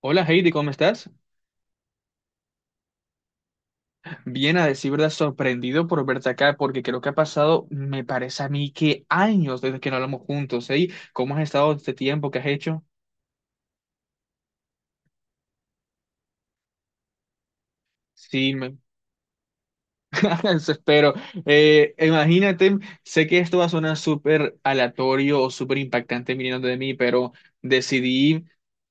Hola Heidi, ¿cómo estás? Bien, a decir verdad, sorprendido por verte acá porque creo que ha pasado, me parece a mí que años desde que no hablamos juntos, ¿eh? ¿Cómo has estado este tiempo que has hecho? Sí, me... eso espero. Imagínate, sé que esto va a sonar súper aleatorio o súper impactante viniendo de mí, pero decidí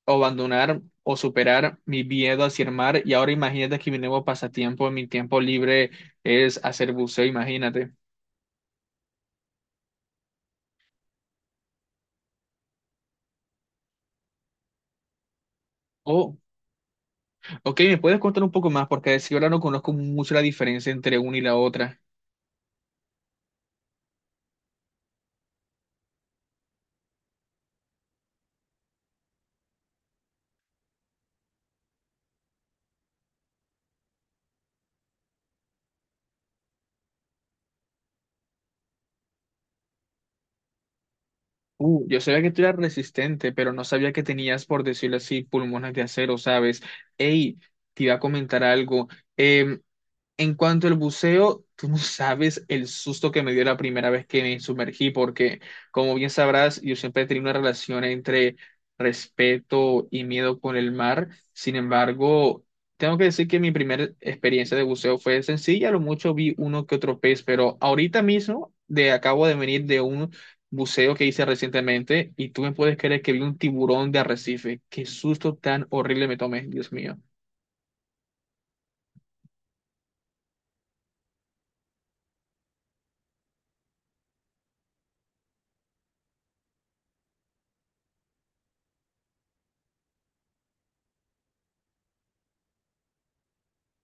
abandonar o superar mi miedo hacia el mar y ahora imagínate que mi nuevo pasatiempo en mi tiempo libre es hacer buceo, imagínate. Oh. Ok, ¿me puedes contar un poco más? Porque si ahora no conozco mucho la diferencia entre una y la otra. Yo sabía que tú eras resistente, pero no sabía que tenías, por decirlo así, pulmones de acero, ¿sabes? Ey, te iba a comentar algo. Em, En cuanto al buceo, tú no sabes el susto que me dio la primera vez que me sumergí, porque como bien sabrás, yo siempre he tenido una relación entre respeto y miedo con el mar. Sin embargo, tengo que decir que mi primera experiencia de buceo fue sencilla, a lo mucho vi uno que otro pez, pero ahorita mismo de, acabo de venir de un buceo que hice recientemente y tú me puedes creer que vi un tiburón de arrecife. Qué susto tan horrible me tomé, Dios mío.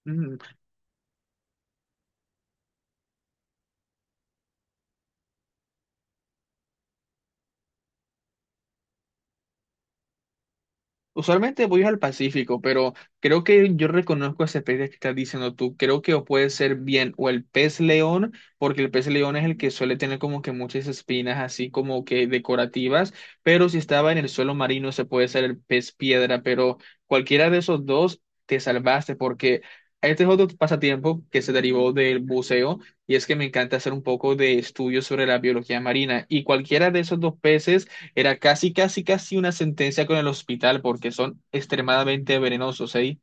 Ujú. Usualmente voy al Pacífico, pero creo que yo reconozco ese pez que estás diciendo tú. Creo que o puede ser bien o el pez león, porque el pez león es el que suele tener como que muchas espinas así como que decorativas, pero si estaba en el suelo marino se puede ser el pez piedra, pero cualquiera de esos dos te salvaste porque este es otro pasatiempo que se derivó del buceo y es que me encanta hacer un poco de estudio sobre la biología marina y cualquiera de esos dos peces era casi, casi, casi una sentencia con el hospital porque son extremadamente venenosos, ¿eh?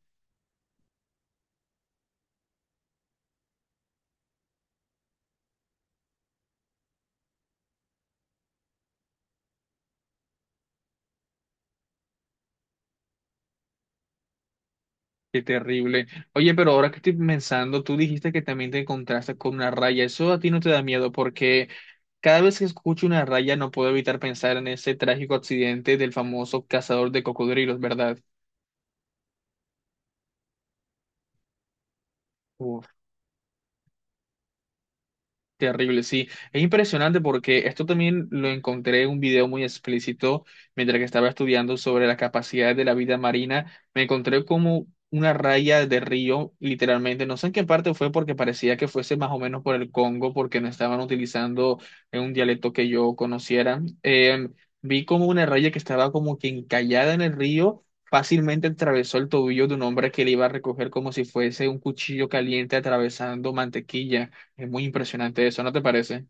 Qué terrible. Oye, pero ahora que estoy pensando, tú dijiste que también te encontraste con una raya. Eso a ti no te da miedo porque cada vez que escucho una raya no puedo evitar pensar en ese trágico accidente del famoso cazador de cocodrilos, ¿verdad? Uf. Terrible, sí. Es impresionante porque esto también lo encontré en un video muy explícito mientras que estaba estudiando sobre las capacidades de la vida marina. Me encontré como una raya de río, literalmente. No sé en qué parte fue porque parecía que fuese más o menos por el Congo porque no estaban utilizando un dialecto que yo conociera. Vi como una raya que estaba como que encallada en el río. Fácilmente atravesó el tobillo de un hombre que le iba a recoger como si fuese un cuchillo caliente atravesando mantequilla. Es muy impresionante eso, ¿no te parece?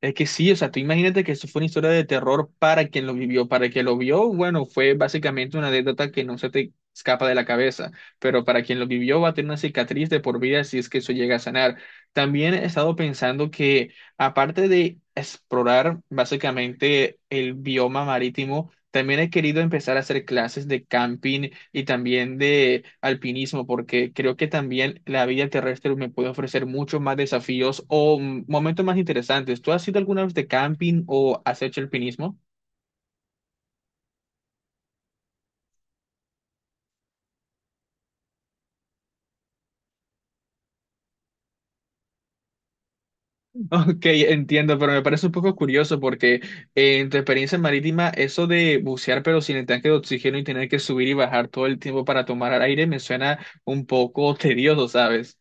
Es que sí, o sea, tú imagínate que eso fue una historia de terror para quien lo vivió, para quien lo vio, bueno, fue básicamente una anécdota que no se te escapa de la cabeza, pero para quien lo vivió va a tener una cicatriz de por vida si es que eso llega a sanar. También he estado pensando que aparte de explorar básicamente el bioma marítimo, también he querido empezar a hacer clases de camping y también de alpinismo, porque creo que también la vida terrestre me puede ofrecer muchos más desafíos o momentos más interesantes. ¿Tú has ido alguna vez de camping o has hecho alpinismo? Ok, entiendo, pero me parece un poco curioso porque en tu experiencia marítima, eso de bucear pero sin el tanque de oxígeno y tener que subir y bajar todo el tiempo para tomar aire me suena un poco tedioso, ¿sabes?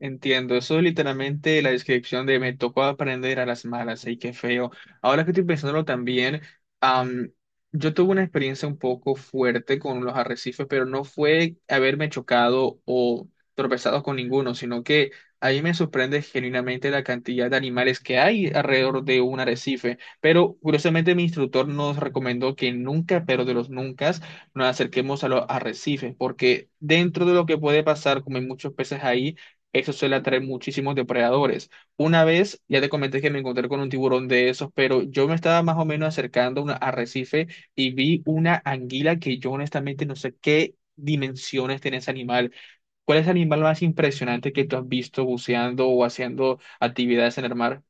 Entiendo, eso es literalmente la descripción de me tocó aprender a las malas, y qué feo. Ahora que estoy pensándolo también, am, yo tuve una experiencia un poco fuerte con los arrecifes, pero no fue haberme chocado o tropezado con ninguno, sino que a mí me sorprende genuinamente la cantidad de animales que hay alrededor de un arrecife. Pero curiosamente mi instructor nos recomendó que nunca, pero de los nunca, nos acerquemos a los arrecifes, porque dentro de lo que puede pasar, como hay muchos peces ahí, eso suele atraer muchísimos depredadores. Una vez, ya te comenté que me encontré con un tiburón de esos, pero yo me estaba más o menos acercando a un arrecife y vi una anguila que yo honestamente no sé qué dimensiones tiene ese animal. ¿Cuál es el animal más impresionante que tú has visto buceando o haciendo actividades en el mar?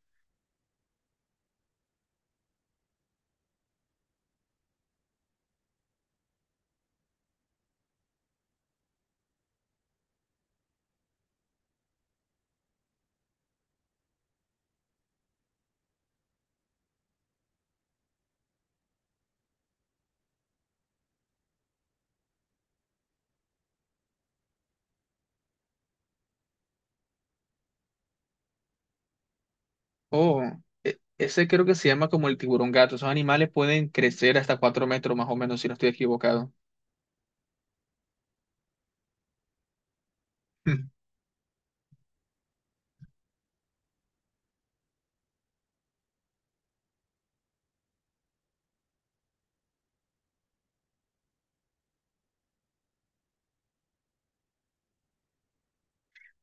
Oh, ese creo que se llama como el tiburón gato. Esos animales pueden crecer hasta 4 metros más o menos, si no estoy equivocado.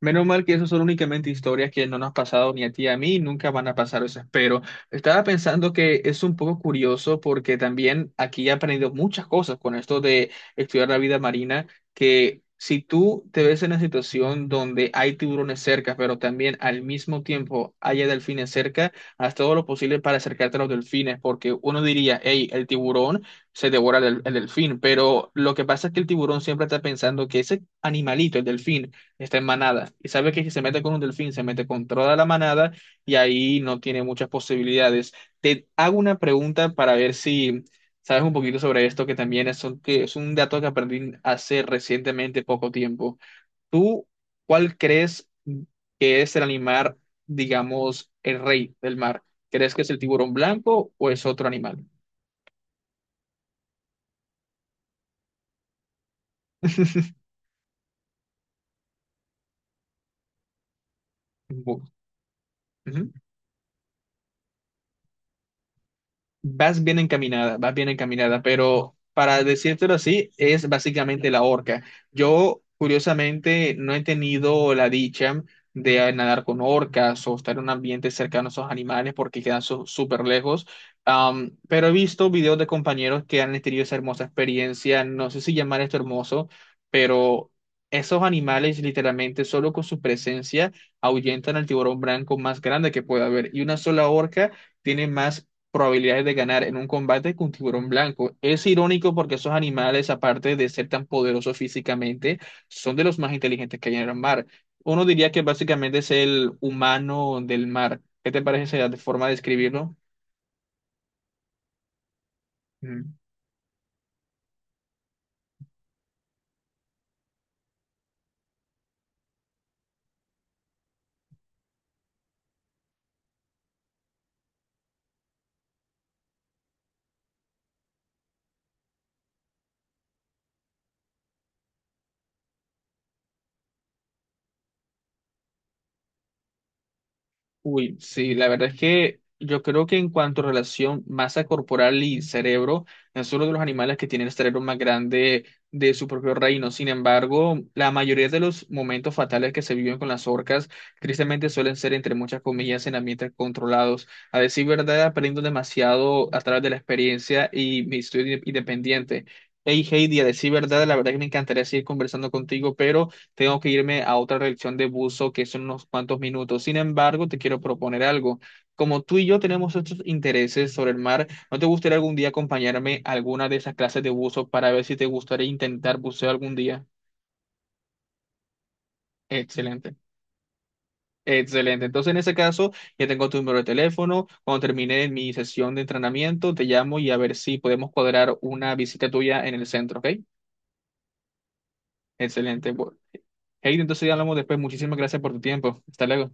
Menos mal que eso son únicamente historias que no nos han pasado ni a ti ni a mí, nunca van a pasar, eso espero. Estaba pensando que es un poco curioso porque también aquí he aprendido muchas cosas con esto de estudiar la vida marina, que si tú te ves en una situación donde hay tiburones cerca, pero también al mismo tiempo haya delfines cerca, haz todo lo posible para acercarte a los delfines, porque uno diría, hey, el tiburón se devora el delfín, pero lo que pasa es que el tiburón siempre está pensando que ese animalito, el delfín, está en manada. Y sabe que si se mete con un delfín, se mete con toda la manada y ahí no tiene muchas posibilidades. Te hago una pregunta para ver si sabes un poquito sobre esto, que también es que es un dato que aprendí hace recientemente poco tiempo. ¿Tú cuál crees que es el animal, digamos, el rey del mar? ¿Crees que es el tiburón blanco o es otro animal? Ujú. Vas bien encaminada, pero para decírtelo así, es básicamente la orca. Yo, curiosamente, no he tenido la dicha de nadar con orcas o estar en un ambiente cercano a esos animales porque quedan súper lejos. Am, pero he visto videos de compañeros que han tenido esa hermosa experiencia. No sé si llamar esto hermoso, pero esos animales, literalmente, solo con su presencia, ahuyentan al tiburón blanco más grande que pueda haber. Y una sola orca tiene más probabilidades de ganar en un combate que un tiburón blanco. Es irónico porque esos animales, aparte de ser tan poderosos físicamente, son de los más inteligentes que hay en el mar. Uno diría que básicamente es el humano del mar. ¿Qué te parece esa forma de describirlo? Uy, sí, la verdad es que yo creo que en cuanto a relación masa corporal y cerebro, no es uno de los animales que tiene el cerebro más grande de su propio reino. Sin embargo, la mayoría de los momentos fatales que se viven con las orcas, tristemente suelen ser, entre muchas comillas, en ambientes controlados. A decir verdad, aprendo demasiado a través de la experiencia y mi estudio independiente. Hey Heidi, a decir verdad, la verdad que me encantaría seguir conversando contigo, pero... tengo que irme a otra reacción de buzo que son unos cuantos minutos. Sin embargo, te quiero proponer algo. Como tú y yo tenemos estos intereses sobre el mar, ¿no te gustaría algún día acompañarme a alguna de esas clases de buzo para ver si te gustaría intentar buceo algún día? Excelente. Excelente. Entonces, en ese caso, ya tengo tu número de teléfono. Cuando termine mi sesión de entrenamiento, te llamo y a ver si podemos cuadrar una visita tuya en el centro, ¿ok? Excelente. Bu- Hey, entonces ya hablamos después. Muchísimas gracias por tu tiempo. Hasta luego.